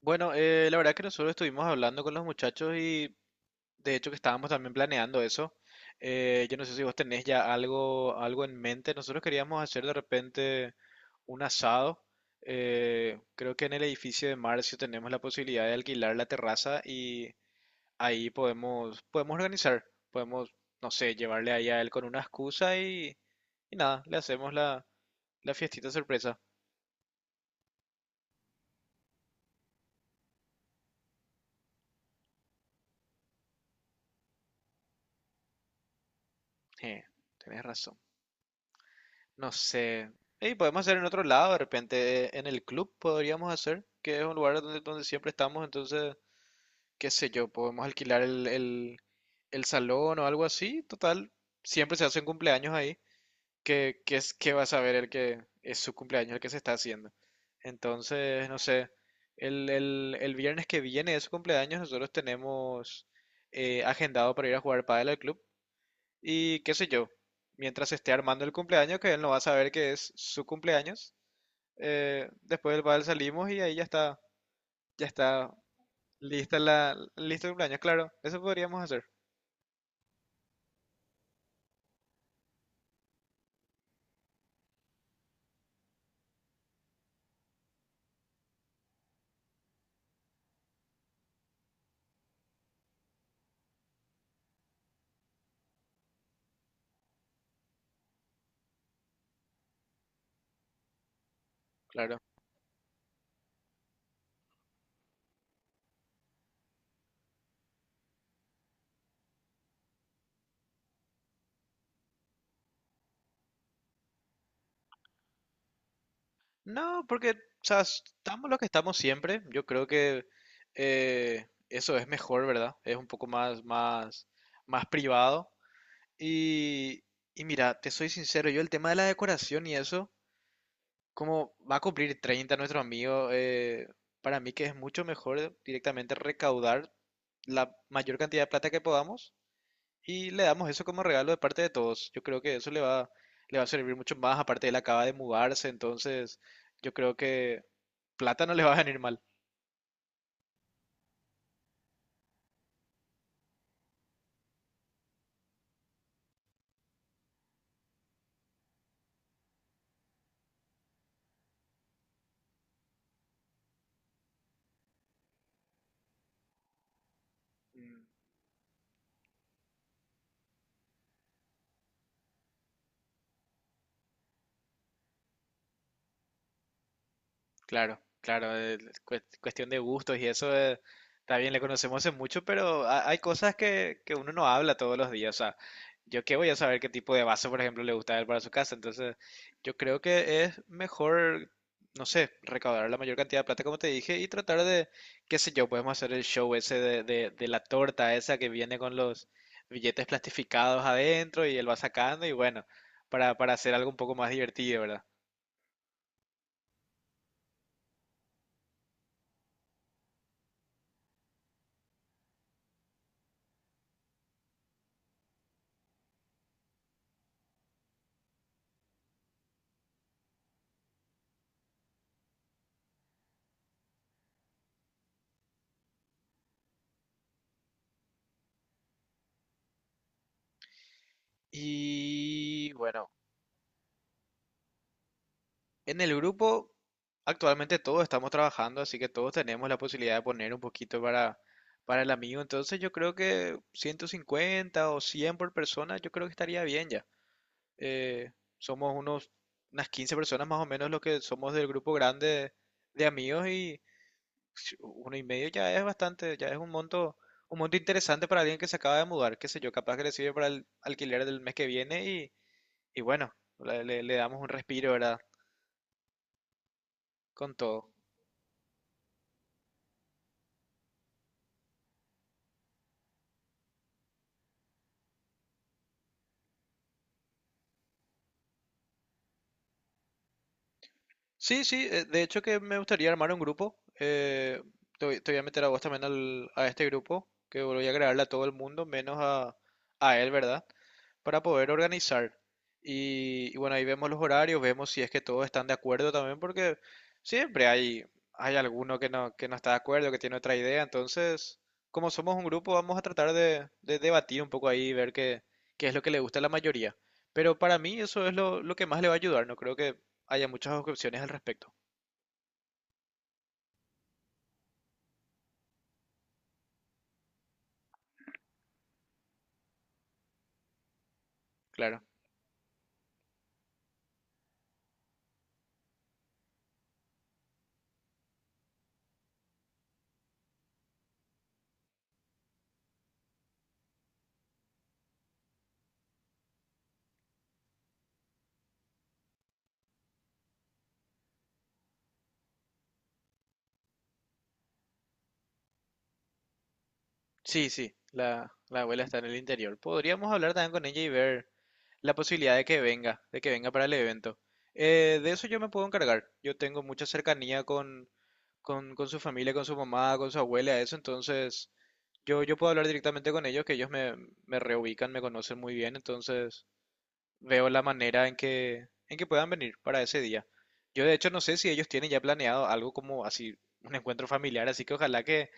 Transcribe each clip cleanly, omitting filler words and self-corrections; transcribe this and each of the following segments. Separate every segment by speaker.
Speaker 1: Bueno, la verdad que nosotros estuvimos hablando con los muchachos y de hecho que estábamos también planeando eso. Yo no sé si vos tenés ya algo en mente. Nosotros queríamos hacer de repente un asado. Creo que en el edificio de Marcio tenemos la posibilidad de alquilar la terraza y ahí podemos organizar. Podemos, no sé, llevarle ahí a él con una excusa y nada, le hacemos la fiestita sorpresa. Eh, Tenés razón. No sé. Y podemos hacer en otro lado, de repente en el club podríamos hacer, que es un lugar donde siempre estamos, entonces, qué sé yo, podemos alquilar el salón o algo así, total, siempre se hacen cumpleaños ahí, que es que va a saber el que es su cumpleaños el que se está haciendo. Entonces, no sé, el viernes que viene de su cumpleaños nosotros tenemos agendado para ir a jugar pádel al club, y qué sé yo, mientras esté armando el cumpleaños, que él no va a saber que es su cumpleaños, después del bal salimos y ahí ya está listo el cumpleaños, claro, eso podríamos hacer, claro. No, porque, o sea, estamos lo que estamos siempre, yo creo que eso es mejor, ¿verdad? Es un poco más privado. Y, y mira, te soy sincero, yo el tema de la decoración y eso, como va a cumplir 30 nuestro amigo, para mí que es mucho mejor directamente recaudar la mayor cantidad de plata que podamos y le damos eso como regalo de parte de todos. Yo creo que eso le va a servir mucho más, aparte él acaba de mudarse, entonces yo creo que plata no le va a venir mal. Claro, claro, cuestión de gustos y eso también le conocemos en mucho, pero hay cosas que uno no habla todos los días. O sea, yo qué voy a saber qué tipo de vaso, por ejemplo, le gusta a él para su casa. Entonces, yo creo que es mejor, no sé, recaudar la mayor cantidad de plata, como te dije, y tratar de, qué sé yo, podemos hacer el show ese de la torta esa que viene con los billetes plastificados adentro y él va sacando y bueno, para hacer algo un poco más divertido, ¿verdad? Y bueno. En el grupo, actualmente todos estamos trabajando, así que todos tenemos la posibilidad de poner un poquito para el amigo. Entonces yo creo que 150 o 100 por persona, yo creo que estaría bien ya. Eh, Somos unas 15 personas más o menos los que somos del grupo grande de amigos y si uno y medio ya es bastante, ya es un monto interesante para alguien que se acaba de mudar, qué sé yo, capaz que le sirve para el alquiler del mes que viene y bueno, le damos un respiro, ¿verdad? Con todo. Sí, sí, de hecho que me gustaría armar un grupo. Te voy a meter a vos también a este grupo, que voy a agregarle a todo el mundo, menos a él, ¿verdad? Para poder organizar. Y bueno, ahí vemos los horarios, vemos si es que todos están de acuerdo también, porque siempre hay, hay alguno que no está de acuerdo, que tiene otra idea. Entonces, como somos un grupo, vamos a tratar de debatir un poco ahí y ver qué, qué es lo que le gusta a la mayoría. Pero para mí eso es lo que más le va a ayudar. No creo que haya muchas objeciones al respecto. Claro. Sí, sí, la abuela está en el interior. Podríamos hablar también con ella y ver la posibilidad de que venga para el evento. De eso yo me puedo encargar. Yo tengo mucha cercanía con su familia, con su mamá, con su abuela, eso, entonces yo puedo hablar directamente con ellos, que ellos me reubican, me conocen muy bien, entonces veo la manera en en que puedan venir para ese día. Yo de hecho no sé si ellos tienen ya planeado algo como así, un encuentro familiar, así que ojalá que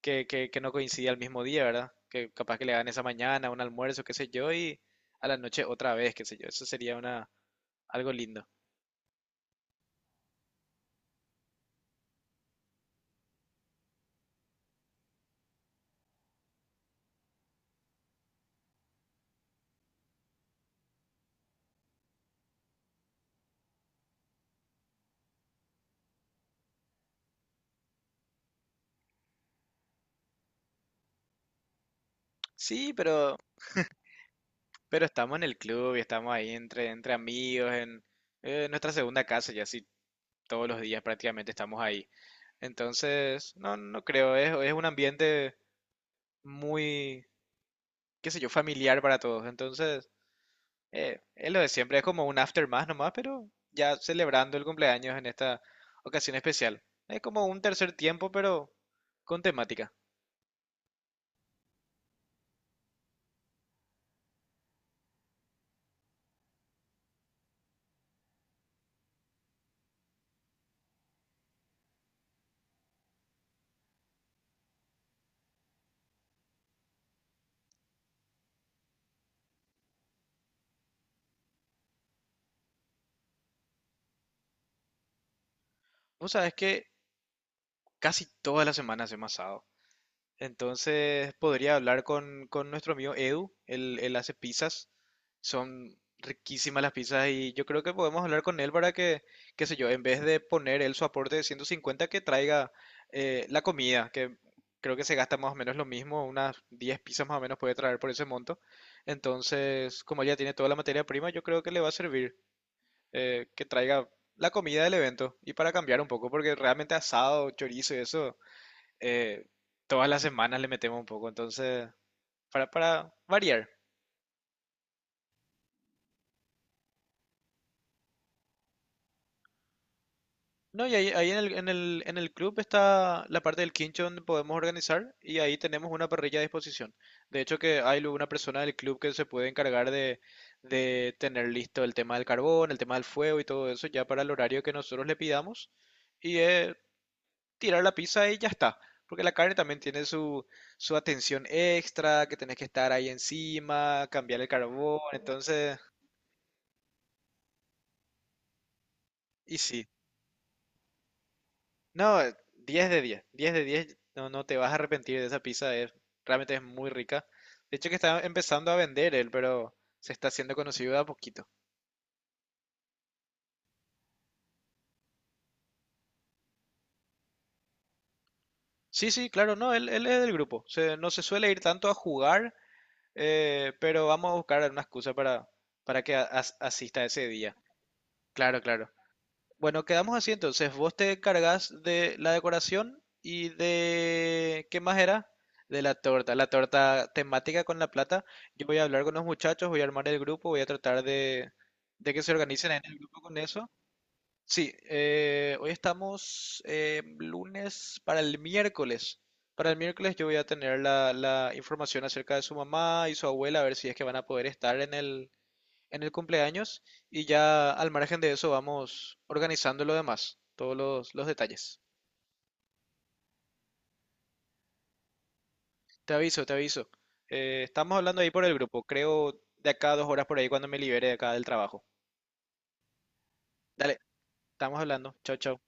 Speaker 1: que no coincida el mismo día, ¿verdad? Que capaz que le dan esa mañana, un almuerzo, qué sé yo, y a la noche otra vez, qué sé yo. Eso sería una, algo lindo. Sí, pero estamos en el club y estamos ahí entre amigos, en nuestra segunda casa, y así todos los días prácticamente estamos ahí. Entonces, no, no creo, es un ambiente muy, qué sé yo, familiar para todos. Entonces, es lo de siempre, es como un after más nomás, pero ya celebrando el cumpleaños en esta ocasión especial. Es como un tercer tiempo, pero con temática. Vos sabés que casi todas las semanas hacemos asado. Entonces podría hablar con nuestro amigo Edu, él hace pizzas, son riquísimas las pizzas y yo creo que podemos hablar con él para que, qué sé yo, en vez de poner él su aporte de 150, que traiga la comida, que creo que se gasta más o menos lo mismo, unas 10 pizzas más o menos puede traer por ese monto. Entonces, como él ya tiene toda la materia prima, yo creo que le va a servir que traiga la comida del evento y para cambiar un poco, porque realmente asado, chorizo y eso eh, todas las semanas le metemos un poco, entonces, para variar. No, y ahí en el club está la parte del quincho donde podemos organizar y ahí tenemos una parrilla a disposición. De hecho, que hay luego una persona del club que se puede encargar de tener listo el tema del carbón, el tema del fuego y todo eso ya para el horario que nosotros le pidamos y tirar la pizza y ya está. Porque la carne también tiene su atención extra, que tenés que estar ahí encima, cambiar el carbón, entonces, y sí. No, 10 de 10, no, no te vas a arrepentir de esa pizza, es, realmente es muy rica. De hecho que está empezando a vender él, pero se está haciendo conocido de a poquito. Sí, sí, claro, no, él es del grupo, no se suele ir tanto a jugar, pero vamos a buscar una excusa para que asista ese día. Claro, claro. Bueno, quedamos así entonces. Vos te encargás de la decoración y de... ¿Qué más era? De la torta temática con la plata. Yo voy a hablar con los muchachos, voy a armar el grupo, voy a tratar de que se organicen en el grupo con eso. Sí, hoy estamos lunes para el miércoles. Para el miércoles yo voy a tener la información acerca de su mamá y su abuela, a ver si es que van a poder estar en en el cumpleaños y ya al margen de eso vamos organizando lo demás, todos los detalles. Te aviso, te aviso. Estamos hablando ahí por el grupo, creo de acá a 2 horas por ahí cuando me libere de acá del trabajo. Dale, estamos hablando. Chao, chao.